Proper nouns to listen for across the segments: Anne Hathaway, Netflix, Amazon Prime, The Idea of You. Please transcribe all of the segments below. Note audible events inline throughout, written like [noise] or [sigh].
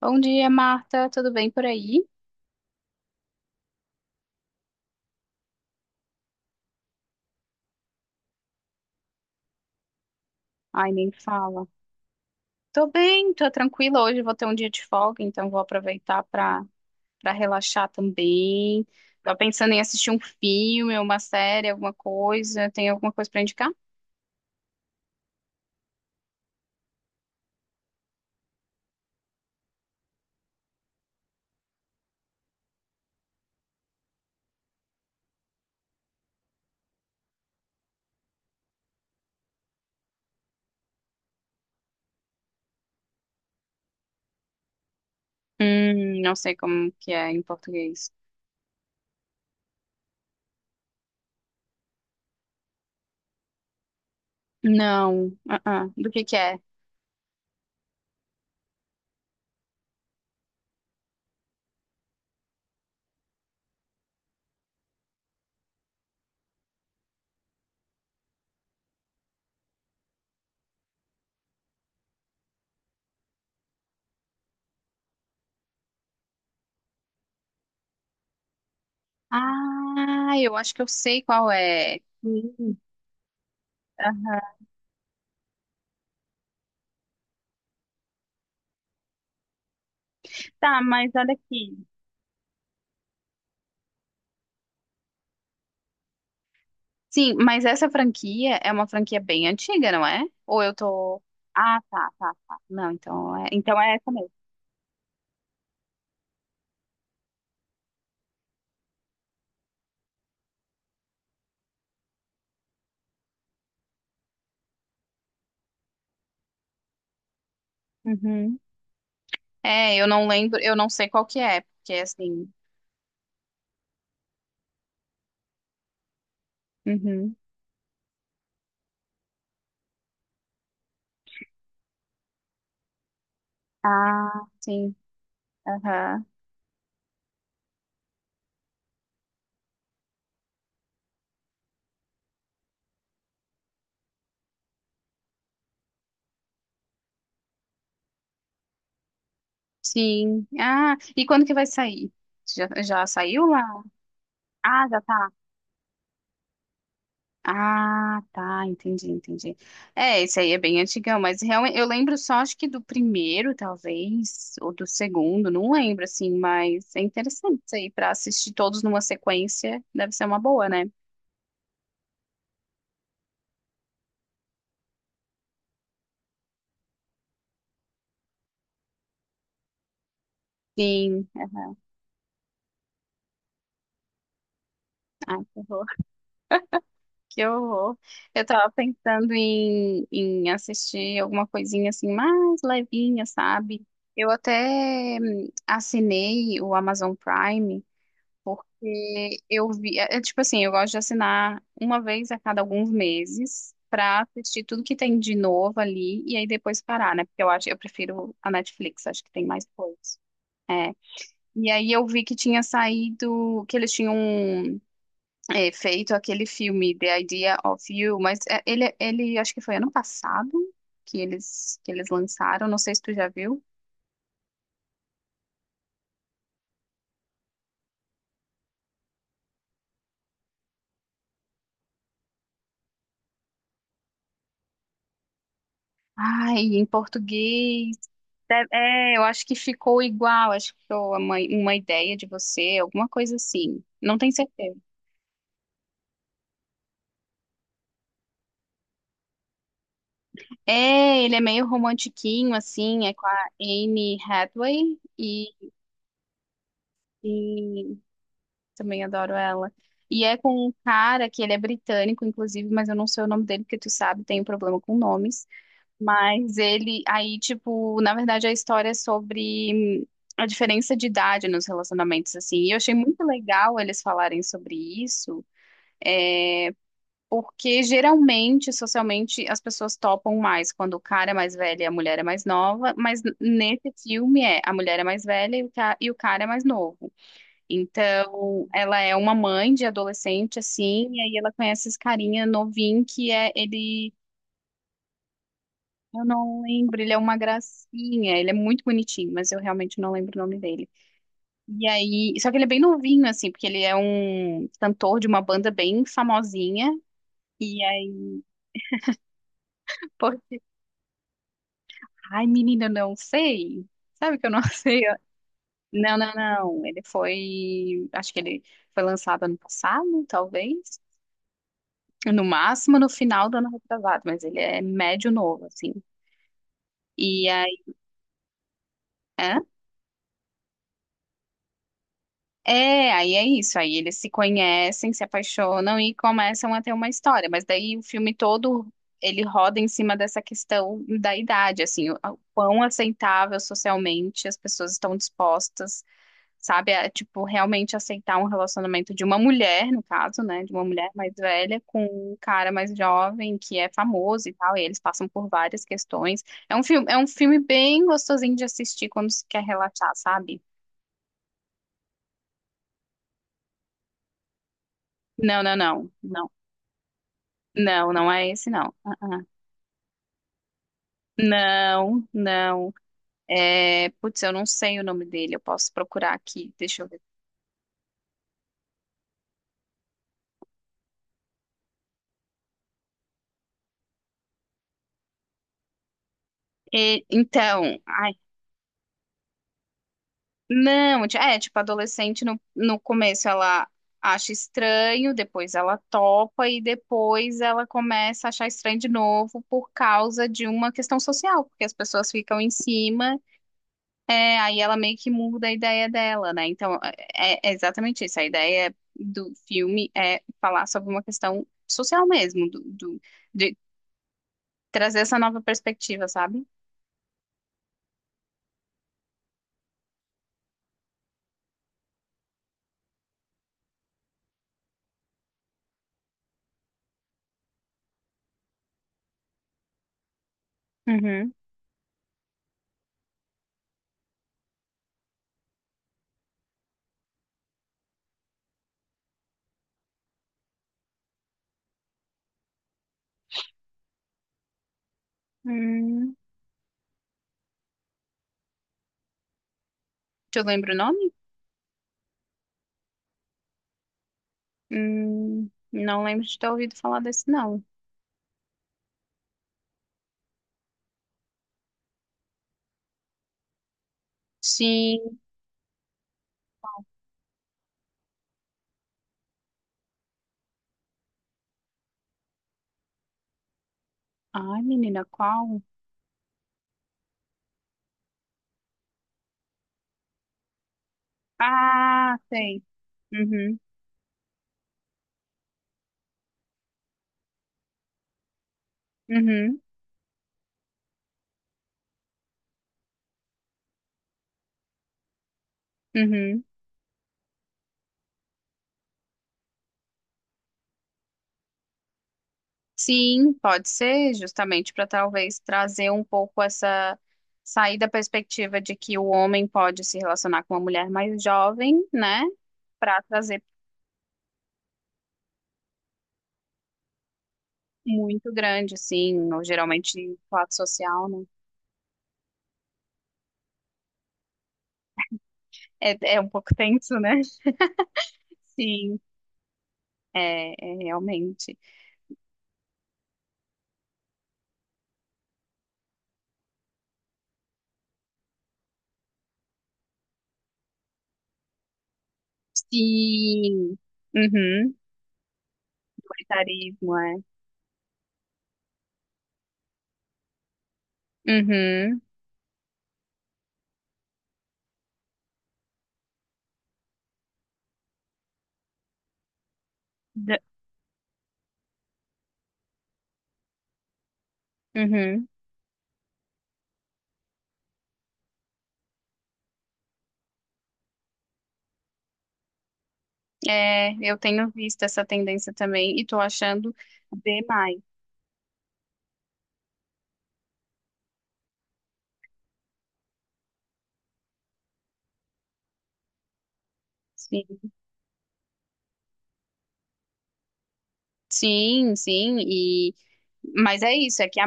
Bom dia, Marta. Tudo bem por aí? Ai, nem fala. Tô bem, tô tranquila. Hoje vou ter um dia de folga, então vou aproveitar para para relaxar também. Tô pensando em assistir um filme, uma série, alguma coisa. Tem alguma coisa para indicar? Não sei como que é em português. Não. Ah, ah. Do que é? Ah, eu acho que eu sei qual é. Hum. Aham. Tá, mas olha aqui. Sim, mas essa franquia é uma franquia bem antiga, não é? Ou eu tô. Ah, tá, tá, tá. Não, então é essa mesmo. Uhum. É, eu não lembro, eu não sei qual que é, porque assim. Uhum. Ah, sim. Aham. Sim. Ah, e quando que vai sair? Já, já saiu lá? Ah, já tá. Ah, tá, entendi, entendi. É, esse aí é bem antigão, mas realmente eu lembro só acho que do primeiro, talvez, ou do segundo, não lembro assim, mas é interessante isso aí para assistir todos numa sequência, deve ser uma boa, né? Sim. [laughs] Aham. Ai, que horror, que horror. Eu tava pensando em, em assistir alguma coisinha assim mais levinha, sabe? Eu até assinei o Amazon Prime. Porque eu vi, é, é tipo assim, eu gosto de assinar uma vez a cada alguns meses pra assistir tudo que tem de novo ali e aí depois parar, né? Porque eu acho, eu prefiro a Netflix, acho que tem mais coisas. É. E aí eu vi que tinha saído, que eles tinham, é, feito aquele filme The Idea of You, mas é, ele acho que foi ano passado que eles lançaram, não sei se tu já viu. Ai, em português. Deve- É, eu acho que ficou igual, acho que ficou uma ideia de você, alguma coisa assim. Não tenho certeza. É, ele é meio romantiquinho, assim, é com a Anne Hathaway e também adoro ela. E é com um cara que ele é britânico, inclusive, mas eu não sei o nome dele, porque tu sabe, tem um problema com nomes. Mas ele, aí, tipo, na verdade a história é sobre a diferença de idade nos relacionamentos, assim. E eu achei muito legal eles falarem sobre isso. Porque geralmente, socialmente, as pessoas topam mais quando o cara é mais velho e a mulher é mais nova, mas nesse filme é a mulher é mais velha e o e o cara é mais novo. Então, ela é uma mãe de adolescente, assim, e aí ela conhece esse carinha novinho que é ele. Eu não lembro, ele é uma gracinha, ele é muito bonitinho, mas eu realmente não lembro o nome dele. E aí, só que ele é bem novinho, assim, porque ele é um cantor de uma banda bem famosinha. E aí. Ai, menina, eu não sei. Sabe que eu não [laughs] sei? Não, não, não. Ele foi. Acho que ele foi lançado ano passado, talvez. No máximo no final do ano retrasado, mas ele é médio novo, assim. E aí. Hã? É, aí é isso. Aí eles se conhecem, se apaixonam e começam a ter uma história. Mas daí o filme todo. Ele roda em cima dessa questão da idade, assim, o quão aceitável socialmente as pessoas estão dispostas, sabe? É, tipo, realmente aceitar um relacionamento de uma mulher, no caso, né? De uma mulher mais velha com um cara mais jovem que é famoso e tal, e eles passam por várias questões. É um filme bem gostosinho de assistir quando se quer relaxar, sabe? Não, não, não, não. Não, não é esse, não. Ah, ah. Não, não. É, putz, eu não sei o nome dele, eu posso procurar aqui, deixa eu ver. E- então, ai. Não, ti- é, tipo, adolescente no, no começo ela acha estranho, depois ela topa e depois ela começa a achar estranho de novo por causa de uma questão social, porque as pessoas ficam em cima, é, aí ela meio que muda a ideia dela, né? Então, é, é é exatamente isso. A ideia do filme é falar sobre uma questão social mesmo, do, do- de trazer essa nova perspectiva, sabe? Uhum. Hum. Tu lembra o nome? Não lembro de ter ouvido falar desse, não. Sim. Ai, menina, qual? Ah, sei. Uhum, uhum, uhum. Sim, pode ser, justamente para talvez trazer um pouco essa sair da perspectiva de que o homem pode se relacionar com uma mulher mais jovem, né? Para trazer muito grande, assim, ou geralmente classe social, né? É, é um pouco tenso, né? [laughs] Sim, é, é realmente. Sim. Uhum. Autoritarismo, é. Uhum. Da- Uhum. É, eu tenho visto essa tendência também e tô achando demais. Sim. Sim, sim, e mas é isso, é que a.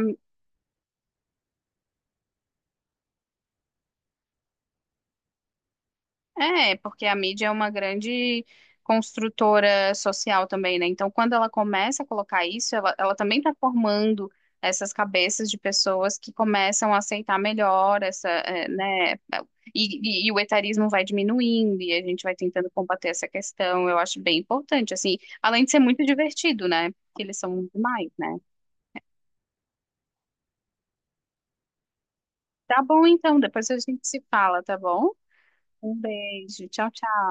É, porque a mídia é uma grande construtora social também, né? Então, quando ela começa a colocar isso, ela também está formando essas cabeças de pessoas que começam a aceitar melhor essa, né? E, e o etarismo vai diminuindo e a gente vai tentando combater essa questão. Eu acho bem importante, assim, além de ser muito divertido, né? Porque eles são demais, né? Tá bom, então, depois a gente se fala, tá bom? Um beijo, tchau, tchau.